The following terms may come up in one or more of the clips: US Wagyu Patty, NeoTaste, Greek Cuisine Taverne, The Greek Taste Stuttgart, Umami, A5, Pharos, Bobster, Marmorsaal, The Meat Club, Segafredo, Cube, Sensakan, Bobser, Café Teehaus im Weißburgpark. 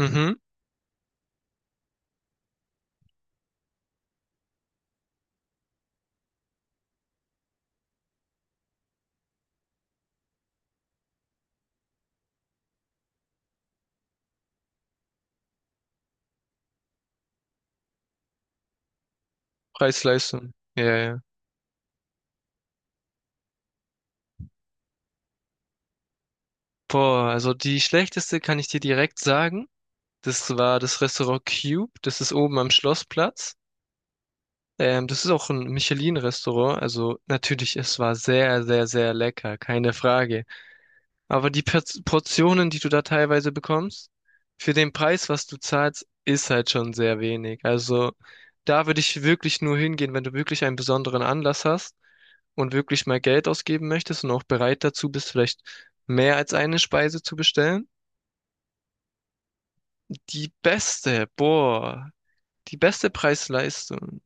Mhm. Preis-Leistung. Ja, ja. Boah, also die schlechteste kann ich dir direkt sagen. Das war das Restaurant Cube. Das ist oben am Schlossplatz. Das ist auch ein Michelin-Restaurant. Also natürlich, es war sehr, sehr, sehr lecker. Keine Frage. Aber die Portionen, die du da teilweise bekommst, für den Preis, was du zahlst, ist halt schon sehr wenig. Also da würde ich wirklich nur hingehen, wenn du wirklich einen besonderen Anlass hast und wirklich mal Geld ausgeben möchtest und auch bereit dazu bist, vielleicht mehr als eine Speise zu bestellen. Die beste, boah, die beste Preis-Leistung.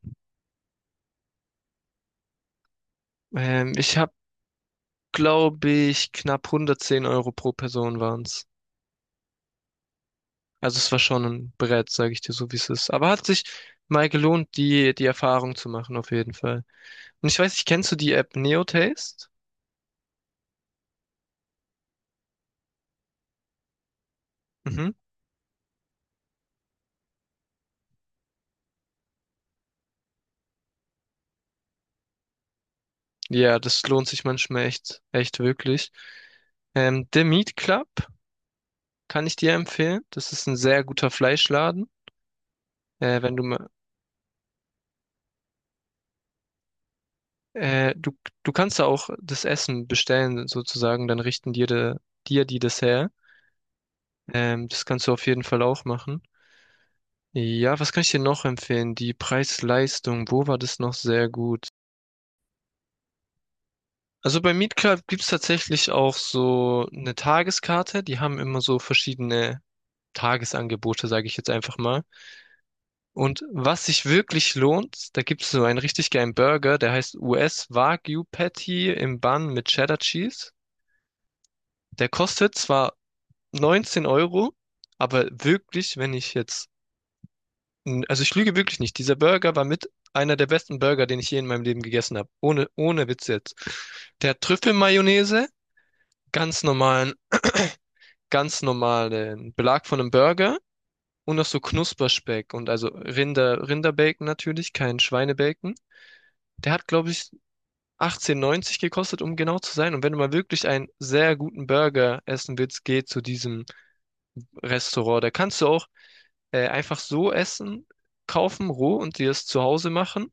Ich habe, glaube ich, knapp 110 Euro pro Person waren's. Also es war schon ein Brett, sage ich dir so, wie es ist. Aber hat sich mal gelohnt, die Erfahrung zu machen, auf jeden Fall. Und ich weiß nicht, kennst du die App NeoTaste? Mhm. Ja, das lohnt sich manchmal echt, echt wirklich. The Meat Club kann ich dir empfehlen. Das ist ein sehr guter Fleischladen. Wenn du mal, äh, du, du kannst da auch das Essen bestellen, sozusagen, dann richten dir, dir die das her. Das kannst du auf jeden Fall auch machen. Ja, was kann ich dir noch empfehlen? Die Preis-Leistung, wo war das noch sehr gut? Also bei Meet Club gibt's tatsächlich auch so eine Tageskarte. Die haben immer so verschiedene Tagesangebote, sage ich jetzt einfach mal. Und was sich wirklich lohnt, da gibt's so einen richtig geilen Burger, der heißt US Wagyu Patty im Bun mit Cheddar Cheese. Der kostet zwar 19 Euro, aber wirklich, wenn ich jetzt N- Also ich lüge wirklich nicht. Dieser Burger war mit einer der besten Burger, den ich je in meinem Leben gegessen habe. Ohne Witz jetzt. Der hat Trüffelmayonnaise, ganz normalen, ganz normalen Belag von einem Burger und noch so Knusperspeck und also Rinderbacon natürlich, kein Schweinebacon. Der hat, glaube ich, 18,90 gekostet, um genau zu sein. Und wenn du mal wirklich einen sehr guten Burger essen willst, geh zu diesem Restaurant. Da kannst du auch einfach so essen, kaufen, roh und dir es zu Hause machen.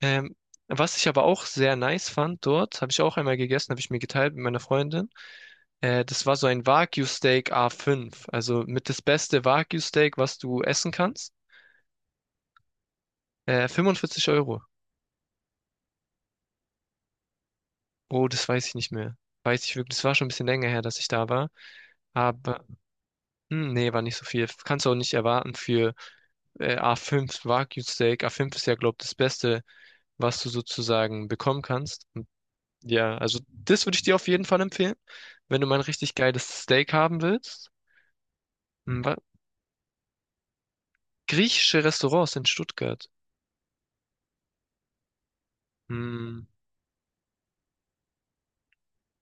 Ähm, was ich aber auch sehr nice fand dort, habe ich auch einmal gegessen, habe ich mir geteilt mit meiner Freundin. Das war so ein Wagyu-Steak A5, also mit das beste Wagyu-Steak, was du essen kannst. 45 Euro. Oh, das weiß ich nicht mehr. Weiß ich wirklich, das war schon ein bisschen länger her, dass ich da war. Aber, hm, nee, war nicht so viel. Kannst du auch nicht erwarten für A5 Wagyu-Steak. A5 ist ja, glaube ich, das Beste, was du sozusagen bekommen kannst. Ja, also das würde ich dir auf jeden Fall empfehlen, wenn du mal ein richtig geiles Steak haben willst. Hm, wa- griechische Restaurants in Stuttgart. Hm,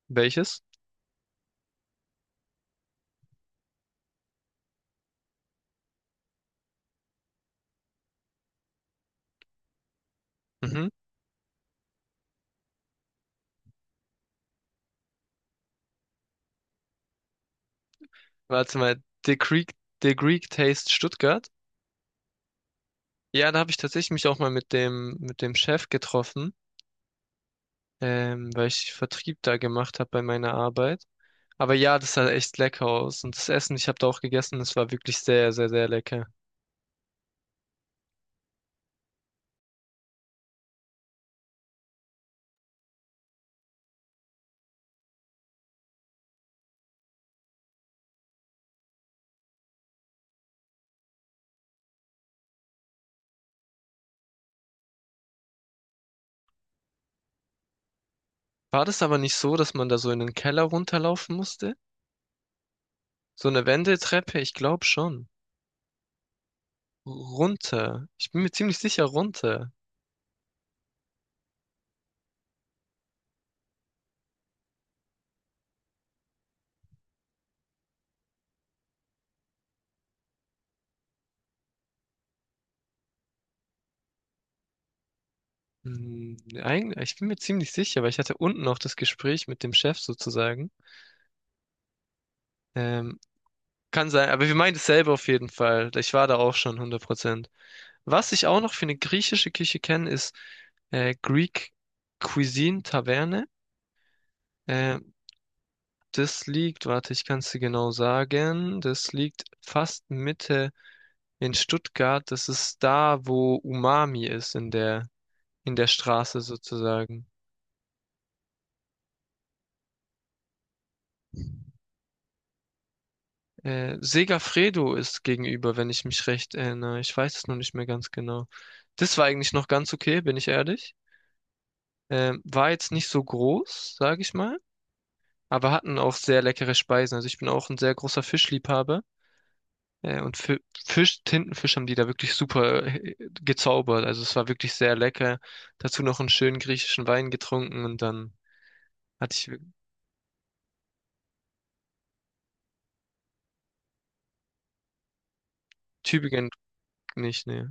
welches? Mhm. Warte mal, The Greek Taste Stuttgart. Ja, da habe ich tatsächlich mich auch mal mit dem Chef getroffen, weil ich Vertrieb da gemacht habe bei meiner Arbeit. Aber ja, das sah echt lecker aus und das Essen, ich habe da auch gegessen, das war wirklich sehr, sehr, sehr lecker. War das aber nicht so, dass man da so in den Keller runterlaufen musste? So eine Wendeltreppe, ich glaube schon. Runter. Ich bin mir ziemlich sicher runter. Hm, eigentlich, ich bin mir ziemlich sicher, weil ich hatte unten auch das Gespräch mit dem Chef sozusagen. Ähm, kann sein, aber wir meinen dasselbe auf jeden Fall. Ich war da auch schon 100%. Was ich auch noch für eine griechische Küche kenne, ist Greek Cuisine Taverne. Äh, das liegt, warte, ich kann es dir genau sagen, das liegt fast Mitte in Stuttgart. Das ist da, wo Umami ist, in der Straße sozusagen. Segafredo ist gegenüber, wenn ich mich recht erinnere. Ich weiß es nur nicht mehr ganz genau. Das war eigentlich noch ganz okay, bin ich ehrlich. War jetzt nicht so groß, sage ich mal, aber hatten auch sehr leckere Speisen. Also ich bin auch ein sehr großer Fischliebhaber. Äh, und Fi- Fisch, Tintenfisch haben die da wirklich super gezaubert. Also es war wirklich sehr lecker. Dazu noch einen schönen griechischen Wein getrunken und dann hatte ich. Tübingen nicht, nee.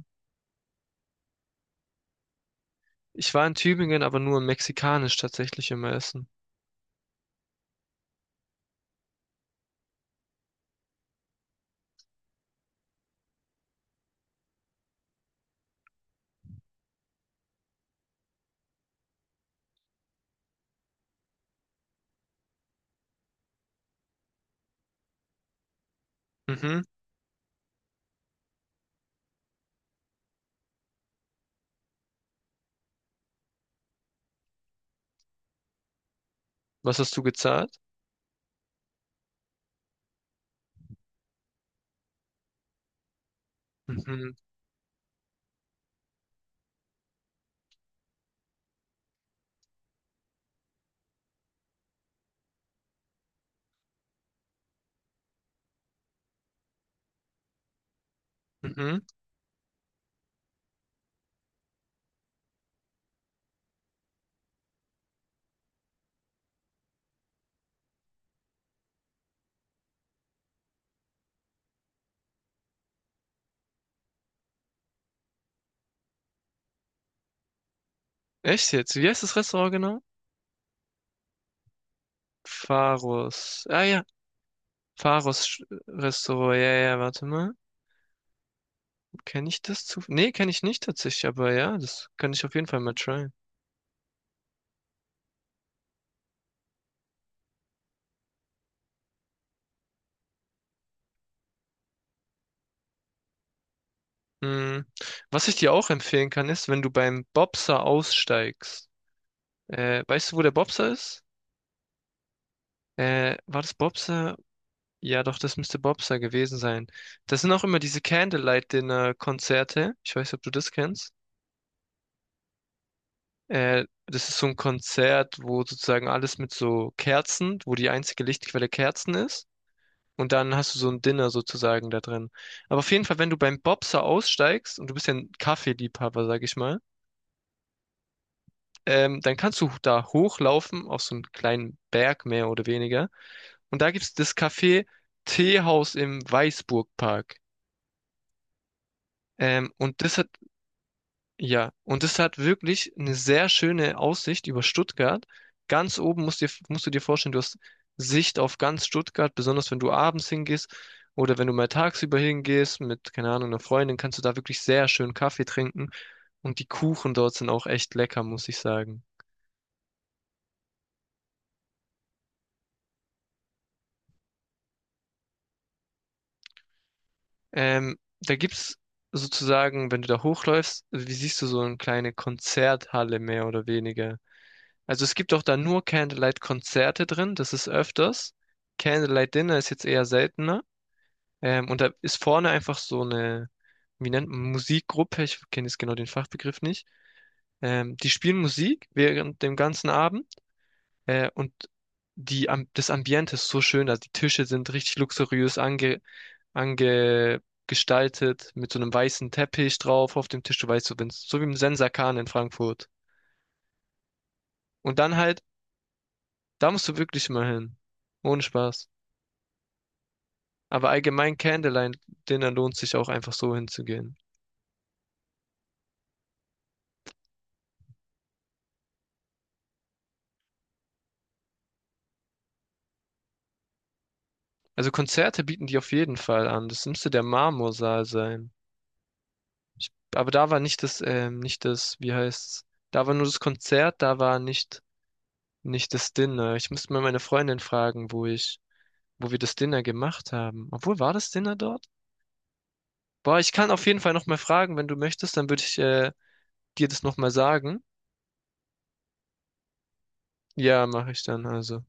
Ich war in Tübingen, aber nur in mexikanisch tatsächlich immer essen. Mhm. Was hast du gezahlt? Mhm. Mhm. Echt jetzt? Wie heißt das Restaurant genau? Pharos. Ah ja, Pharos Restaurant. Ja, ja, warte mal. Kenne ich das zu? Nee, kenne ich nicht tatsächlich, aber ja, das kann ich auf jeden Fall mal tryen. Mhm. Was ich dir auch empfehlen kann, ist, wenn du beim Bobser aussteigst. Weißt du, wo der Bobser ist? War das Bobser? Ja, doch, das müsste Bobster gewesen sein. Das sind auch immer diese Candlelight-Dinner-Konzerte. Ich weiß nicht, ob du das kennst. Das ist so ein Konzert, wo sozusagen alles mit so Kerzen, wo die einzige Lichtquelle Kerzen ist. Und dann hast du so ein Dinner sozusagen da drin. Aber auf jeden Fall, wenn du beim Bobser aussteigst, und du bist ja ein Kaffeeliebhaber, sag ich mal, dann kannst du da hochlaufen auf so einen kleinen Berg mehr oder weniger. Und da gibt's das Café Teehaus im Weißburgpark. Und das hat. Ja, und es hat wirklich eine sehr schöne Aussicht über Stuttgart. Ganz oben musst du dir vorstellen, du hast Sicht auf ganz Stuttgart, besonders wenn du abends hingehst oder wenn du mal tagsüber hingehst mit, keine Ahnung, einer Freundin, kannst du da wirklich sehr schön Kaffee trinken. Und die Kuchen dort sind auch echt lecker, muss ich sagen. Da gibt's sozusagen, wenn du da hochläufst, wie siehst du so eine kleine Konzerthalle mehr oder weniger. Also es gibt auch da nur Candlelight-Konzerte drin, das ist öfters. Candlelight-Dinner ist jetzt eher seltener. Und da ist vorne einfach so eine, wie nennt man, Musikgruppe, ich kenne jetzt genau den Fachbegriff nicht. Die spielen Musik während dem ganzen Abend und das Ambiente ist so schön, also die Tische sind richtig luxuriös ange, ange gestaltet, mit so einem weißen Teppich drauf auf dem Tisch, du weißt, so, wenn's, so wie im Sensakan in Frankfurt. Und dann halt, da musst du wirklich mal hin. Ohne Spaß. Aber allgemein Candlelight-Dinner lohnt sich auch einfach so hinzugehen. Also Konzerte bieten die auf jeden Fall an. Das müsste der Marmorsaal sein. Aber da war nicht das, nicht das, wie heißt's? Da war nur das Konzert, da war nicht das Dinner. Ich müsste mal meine Freundin fragen, wo wir das Dinner gemacht haben. Obwohl, war das Dinner dort? Boah, ich kann auf jeden Fall nochmal fragen, wenn du möchtest, dann würde ich, dir das nochmal sagen. Ja, mache ich dann also.